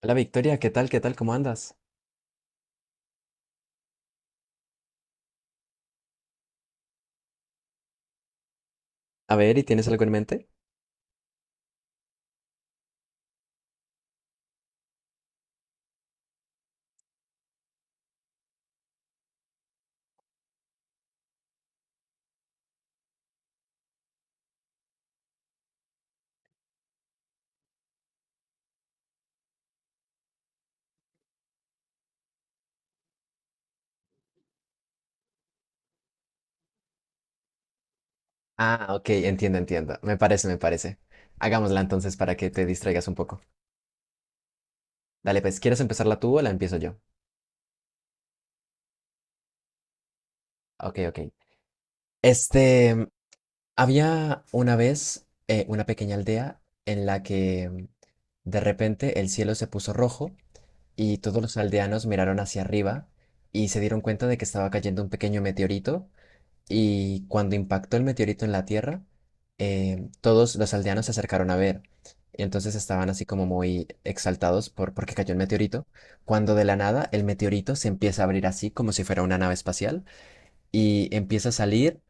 Hola Victoria, ¿qué tal? ¿Qué tal? ¿Cómo andas? A ver, ¿y tienes algo en mente? Ah, ok, entiendo, entiendo. Me parece, me parece. Hagámosla entonces para que te distraigas un poco. Dale, pues, ¿quieres empezarla tú o la empiezo yo? Ok, ok. Este, Había una vez una pequeña aldea en la que de repente el cielo se puso rojo y todos los aldeanos miraron hacia arriba y se dieron cuenta de que estaba cayendo un pequeño meteorito. Y cuando impactó el meteorito en la Tierra, todos los aldeanos se acercaron a ver. Y entonces estaban así como muy exaltados porque cayó el meteorito, cuando de la nada el meteorito se empieza a abrir así como si fuera una nave espacial y empieza a salir.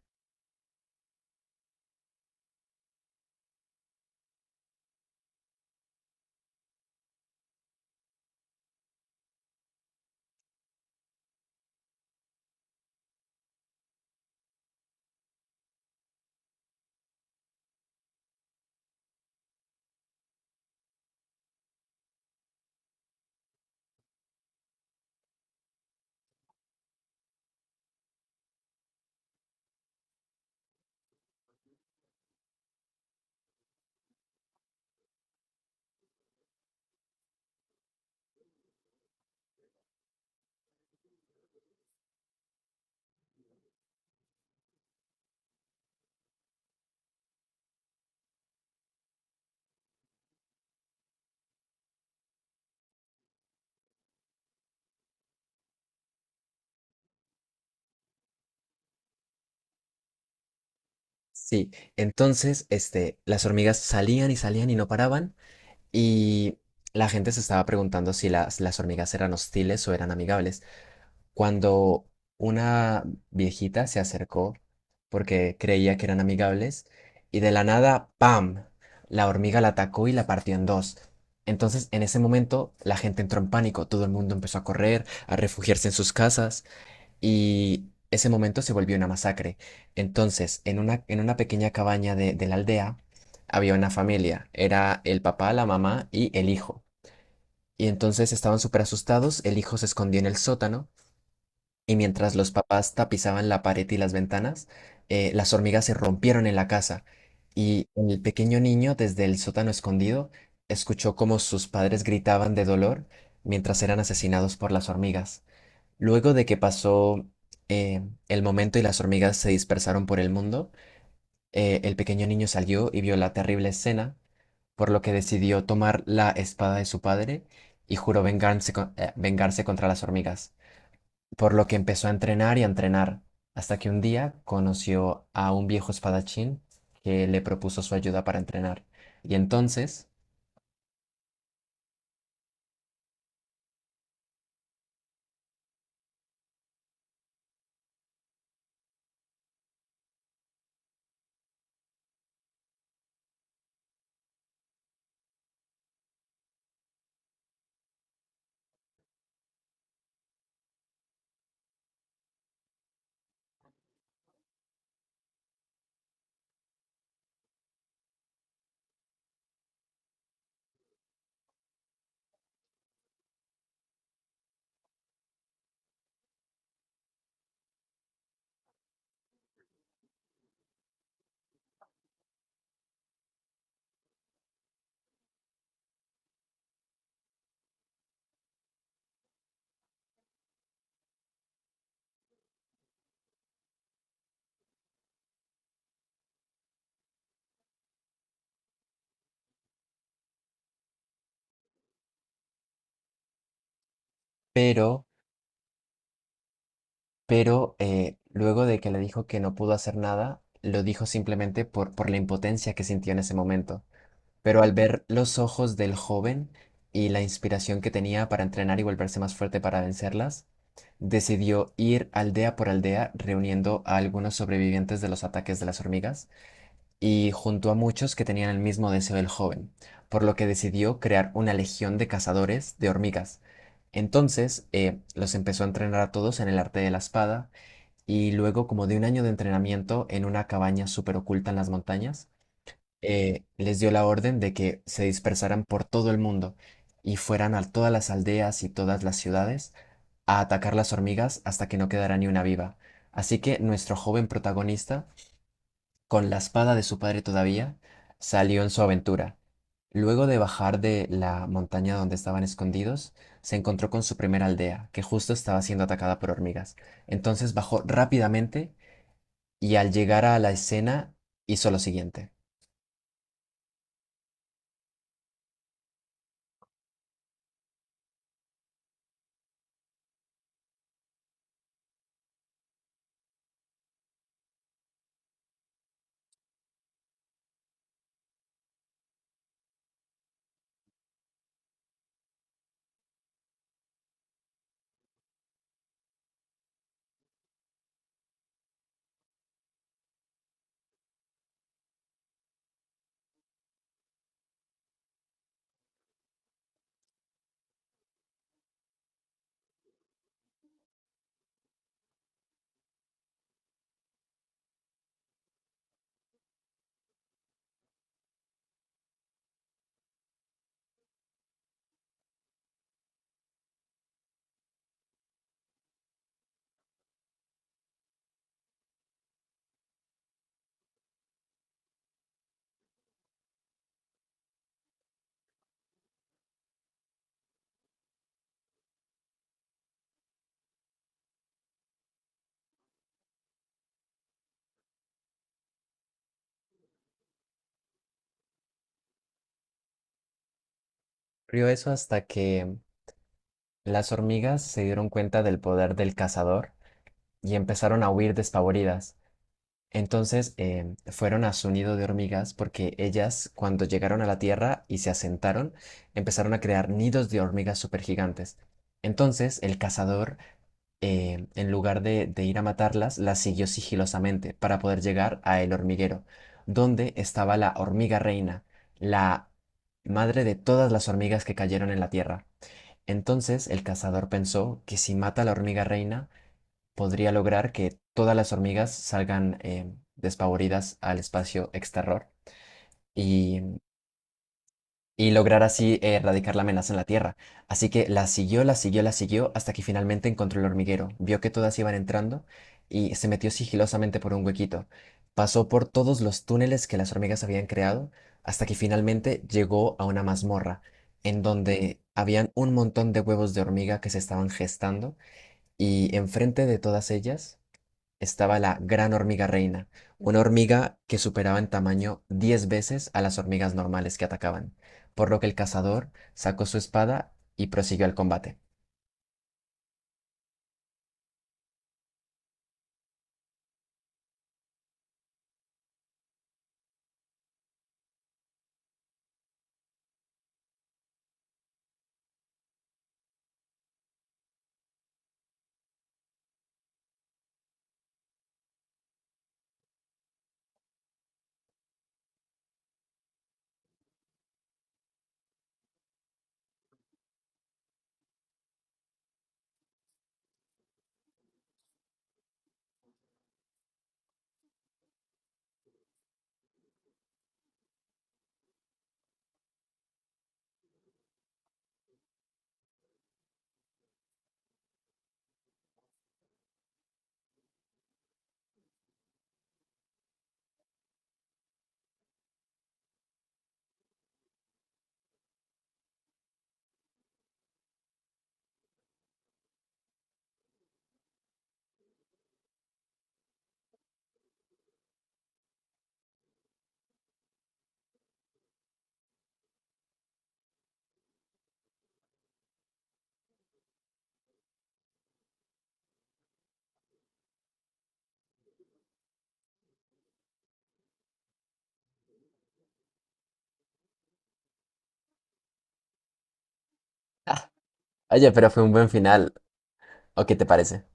Sí, entonces las hormigas salían y salían y no paraban, y la gente se estaba preguntando si las hormigas eran hostiles o eran amigables, cuando una viejita se acercó porque creía que eran amigables y de la nada, ¡pam! La hormiga la atacó y la partió en dos. Entonces, en ese momento, la gente entró en pánico, todo el mundo empezó a correr, a refugiarse en sus casas, y ese momento se volvió una masacre. Entonces, en una pequeña cabaña de la aldea había una familia, era el papá, la mamá y el hijo. Y entonces estaban súper asustados, el hijo se escondió en el sótano y mientras los papás tapizaban la pared y las ventanas, las hormigas se rompieron en la casa y el pequeño niño, desde el sótano escondido, escuchó cómo sus padres gritaban de dolor mientras eran asesinados por las hormigas. Luego de que pasó eh, el momento y las hormigas se dispersaron por el mundo, el pequeño niño salió y vio la terrible escena, por lo que decidió tomar la espada de su padre y juró vengarse, vengarse contra las hormigas, por lo que empezó a entrenar y a entrenar, hasta que un día conoció a un viejo espadachín que le propuso su ayuda para entrenar. Y entonces, pero, pero, luego de que le dijo que no pudo hacer nada, lo dijo simplemente por la impotencia que sintió en ese momento. Pero al ver los ojos del joven y la inspiración que tenía para entrenar y volverse más fuerte para vencerlas, decidió ir aldea por aldea reuniendo a algunos sobrevivientes de los ataques de las hormigas y juntó a muchos que tenían el mismo deseo del joven, por lo que decidió crear una legión de cazadores de hormigas. Entonces, los empezó a entrenar a todos en el arte de la espada y luego, como de un año de entrenamiento en una cabaña súper oculta en las montañas, les dio la orden de que se dispersaran por todo el mundo y fueran a todas las aldeas y todas las ciudades a atacar las hormigas hasta que no quedara ni una viva. Así que nuestro joven protagonista, con la espada de su padre todavía, salió en su aventura. Luego de bajar de la montaña donde estaban escondidos, se encontró con su primera aldea, que justo estaba siendo atacada por hormigas. Entonces bajó rápidamente y al llegar a la escena hizo lo siguiente. Ocurrió eso hasta que las hormigas se dieron cuenta del poder del cazador y empezaron a huir despavoridas. Entonces fueron a su nido de hormigas porque ellas, cuando llegaron a la Tierra y se asentaron, empezaron a crear nidos de hormigas supergigantes. Entonces el cazador, en lugar de ir a matarlas, las siguió sigilosamente para poder llegar a el hormiguero, donde estaba la hormiga reina, la madre de todas las hormigas que cayeron en la Tierra. Entonces el cazador pensó que si mata a la hormiga reina, podría lograr que todas las hormigas salgan despavoridas al espacio exterior y, y lograr así erradicar la amenaza en la Tierra. Así que la siguió, la siguió, la siguió hasta que finalmente encontró el hormiguero. Vio que todas iban entrando y se metió sigilosamente por un huequito. Pasó por todos los túneles que las hormigas habían creado hasta que finalmente llegó a una mazmorra en donde habían un montón de huevos de hormiga que se estaban gestando, y enfrente de todas ellas estaba la gran hormiga reina, una hormiga que superaba en tamaño 10 veces a las hormigas normales que atacaban, por lo que el cazador sacó su espada y prosiguió el combate. Ah, oye, pero fue un buen final, ¿o qué te parece?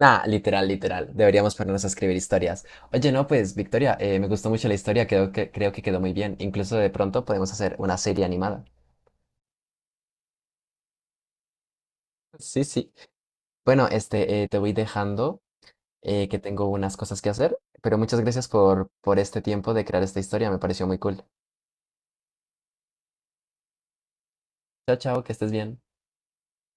Ah, literal, literal. Deberíamos ponernos a escribir historias. Oye, no, pues, Victoria, me gustó mucho la historia, creo que quedó muy bien. Incluso de pronto podemos hacer una serie animada. Sí, sí. Bueno, te voy dejando, que tengo unas cosas que hacer, pero muchas gracias por este tiempo de crear esta historia, me pareció muy cool. Chao, chao, que estés bien.